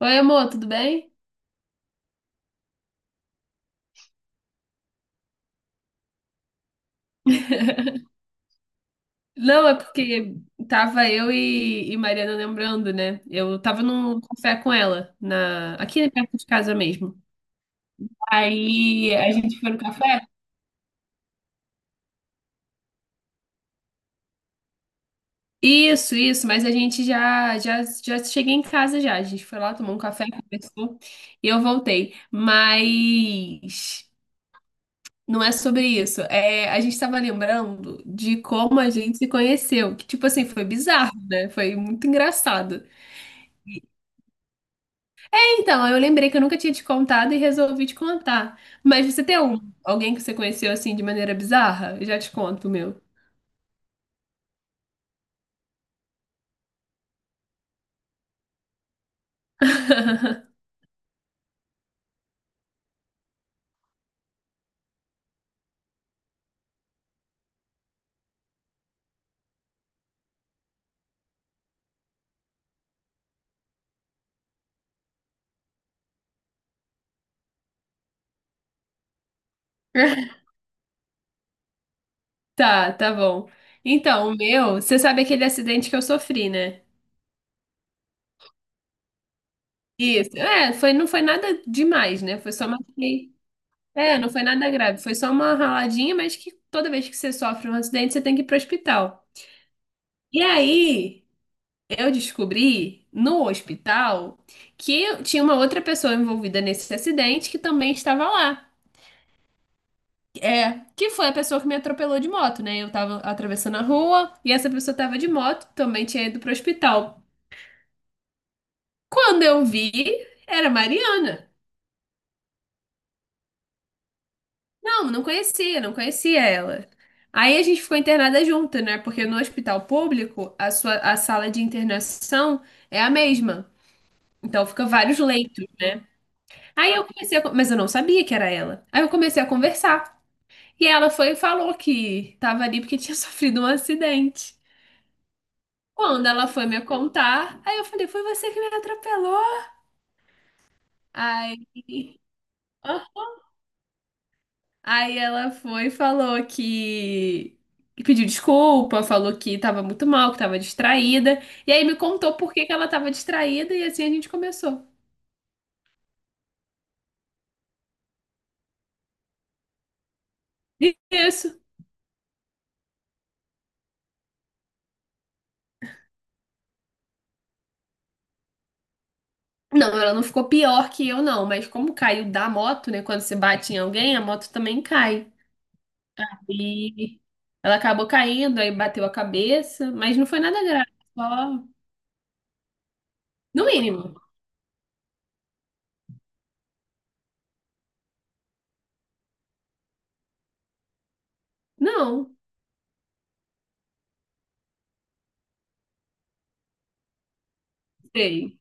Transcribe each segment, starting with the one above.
Oi, amor, tudo bem? Não, é porque tava eu e Mariana lembrando, né? Eu tava num café com ela, na, aqui perto de casa mesmo. Aí a gente foi no café? Isso, mas a gente já cheguei em casa já. A gente foi lá, tomou um café, conversou e eu voltei. Mas não é sobre isso. É, a gente tava lembrando de como a gente se conheceu. Que, tipo assim, foi bizarro, né? Foi muito engraçado. Então, eu lembrei que eu nunca tinha te contado e resolvi te contar. Mas você tem um, alguém que você conheceu assim de maneira bizarra? Eu já te conto o meu. Tá, tá bom. Então, o meu, você sabe aquele acidente que eu sofri, né? Isso. É, foi, não foi nada demais, né? Foi só uma. É, não foi nada grave. Foi só uma raladinha, mas que toda vez que você sofre um acidente, você tem que ir pro hospital. E aí, eu descobri no hospital que tinha uma outra pessoa envolvida nesse acidente que também estava lá. É, que foi a pessoa que me atropelou de moto, né? Eu tava atravessando a rua e essa pessoa tava de moto, também tinha ido pro hospital. Quando eu vi, era a Mariana. Não, não conhecia, não conhecia ela. Aí a gente ficou internada junto, né? Porque no hospital público, a sua, a sala de internação é a mesma. Então fica vários leitos. Aí eu comecei a, mas eu não sabia que era ela. Aí eu comecei a conversar. E ela foi e falou que tava ali porque tinha sofrido um acidente. Quando ela foi me contar, aí eu falei, foi você que me atropelou. Aí, Ah. aí ela foi e falou que pediu desculpa, falou que tava muito mal, que tava distraída. E aí me contou por que que ela tava distraída e assim a gente começou. Isso. Não, ela não ficou pior que eu, não. Mas como caiu da moto, né? Quando você bate em alguém, a moto também cai. E ela acabou caindo, aí bateu a cabeça, mas não foi nada grave, só no mínimo. Não, sei.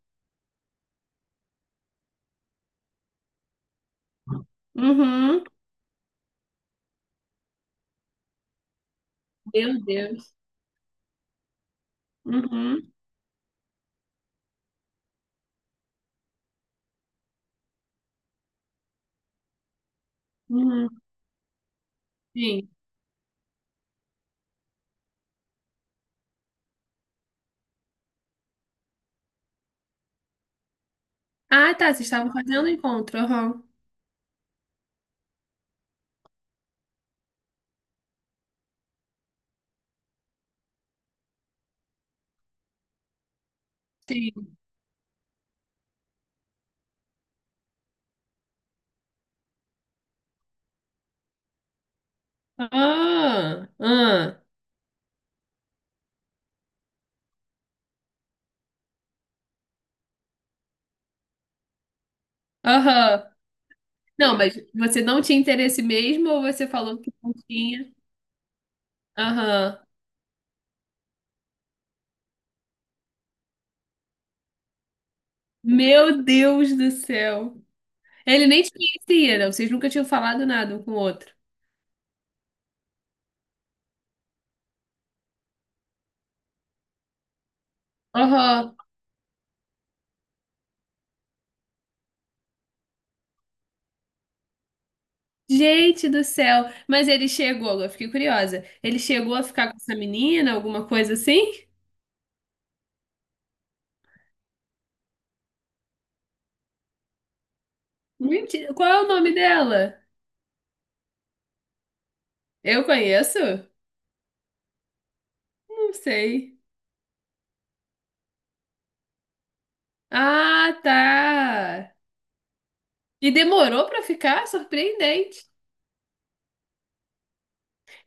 Uhum, meu Deus. Uhum, uhum, sim. Ah, tá, vocês estavam fazendo encontro, aham. Sim. Ah, ah, aham. Não, mas você não tinha interesse mesmo ou você falou que não tinha? Aham. Meu Deus do céu. Ele nem te conhecia, não. Vocês nunca tinham falado nada um com o outro. Aham. Gente do céu! Mas ele chegou, eu fiquei curiosa. Ele chegou a ficar com essa menina, alguma coisa assim? Mentira. Qual é o nome dela? Eu conheço? Não sei. Ah, tá. E demorou pra ficar? Surpreendente.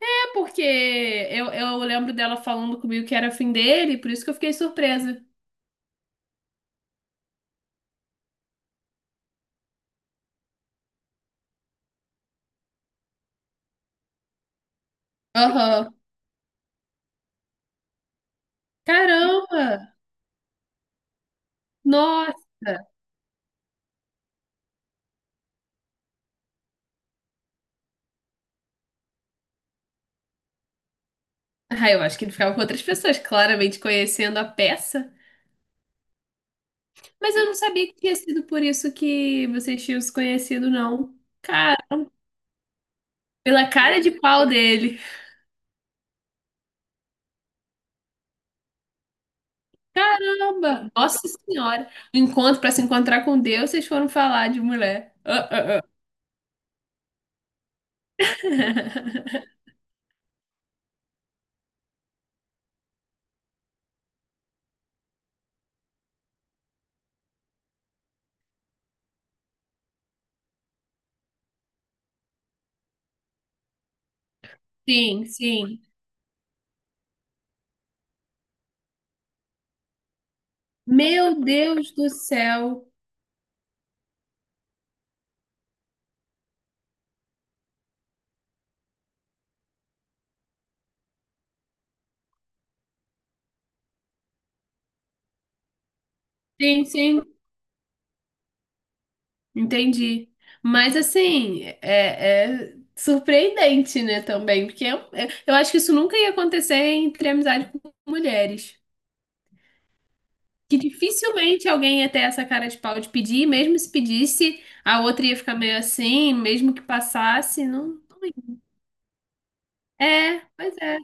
É porque eu lembro dela falando comigo que era fim dele, por isso que eu fiquei surpresa. Aham. Caramba! Nossa! Ah, eu acho que ele ficava com outras pessoas, claramente conhecendo a peça. Mas eu não sabia que tinha sido por isso que vocês tinham se conhecido, não. Cara, pela cara de pau dele. Caramba! Nossa Senhora! Um Encontro para se encontrar com Deus, vocês foram falar de mulher. Ah, ah, ah. Sim, sim. Meu Deus do céu. Sim, sim, entendi. Mas assim, é, é surpreendente, né, também, porque é eu acho que isso nunca ia acontecer entre amizade com mulheres. Que dificilmente alguém ia ter essa cara de pau de pedir, e mesmo se pedisse, a outra ia ficar meio assim, mesmo que passasse, não, não ia. É, pois é.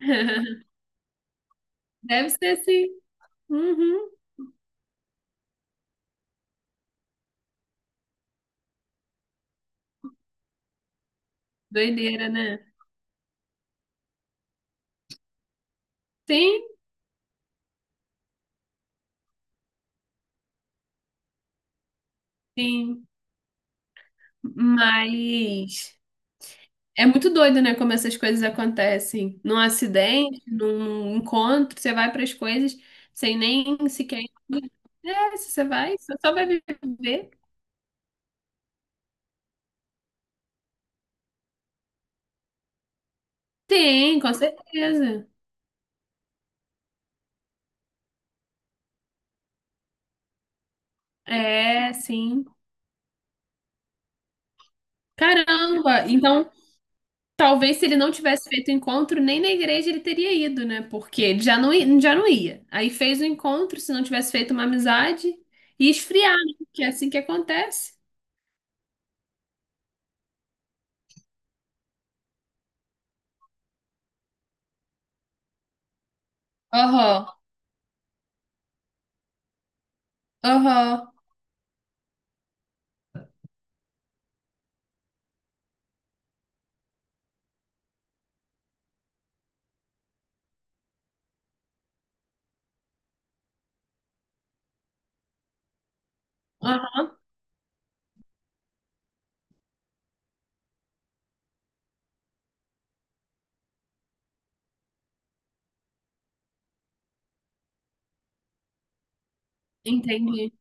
Deve ser assim. Uhum. Doideira, né? Sim, sim. Mas é muito doido, né? Como essas coisas acontecem. Num acidente, num encontro, você vai para as coisas sem nem sequer. É, se você vai, você só vai viver. Tem, com certeza. É, sim. Caramba! Então, talvez se ele não tivesse feito o encontro, nem na igreja ele teria ido, né? Porque ele já não, já não ia. Aí fez o encontro, se não tivesse feito uma amizade, e esfriar, né? Que é assim que acontece. Aham, aham, aham, entendi.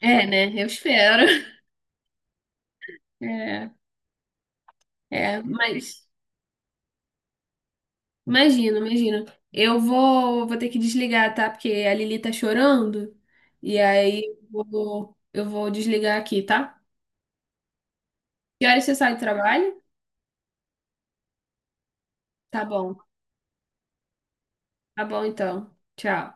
É, né? Eu espero. É, é, mas imagino, imagino. Eu vou, ter que desligar, tá? Porque a Lili tá chorando. E aí eu vou desligar aqui, tá? Que horas você sai do trabalho? Tá bom. Tá bom, então. Tchau.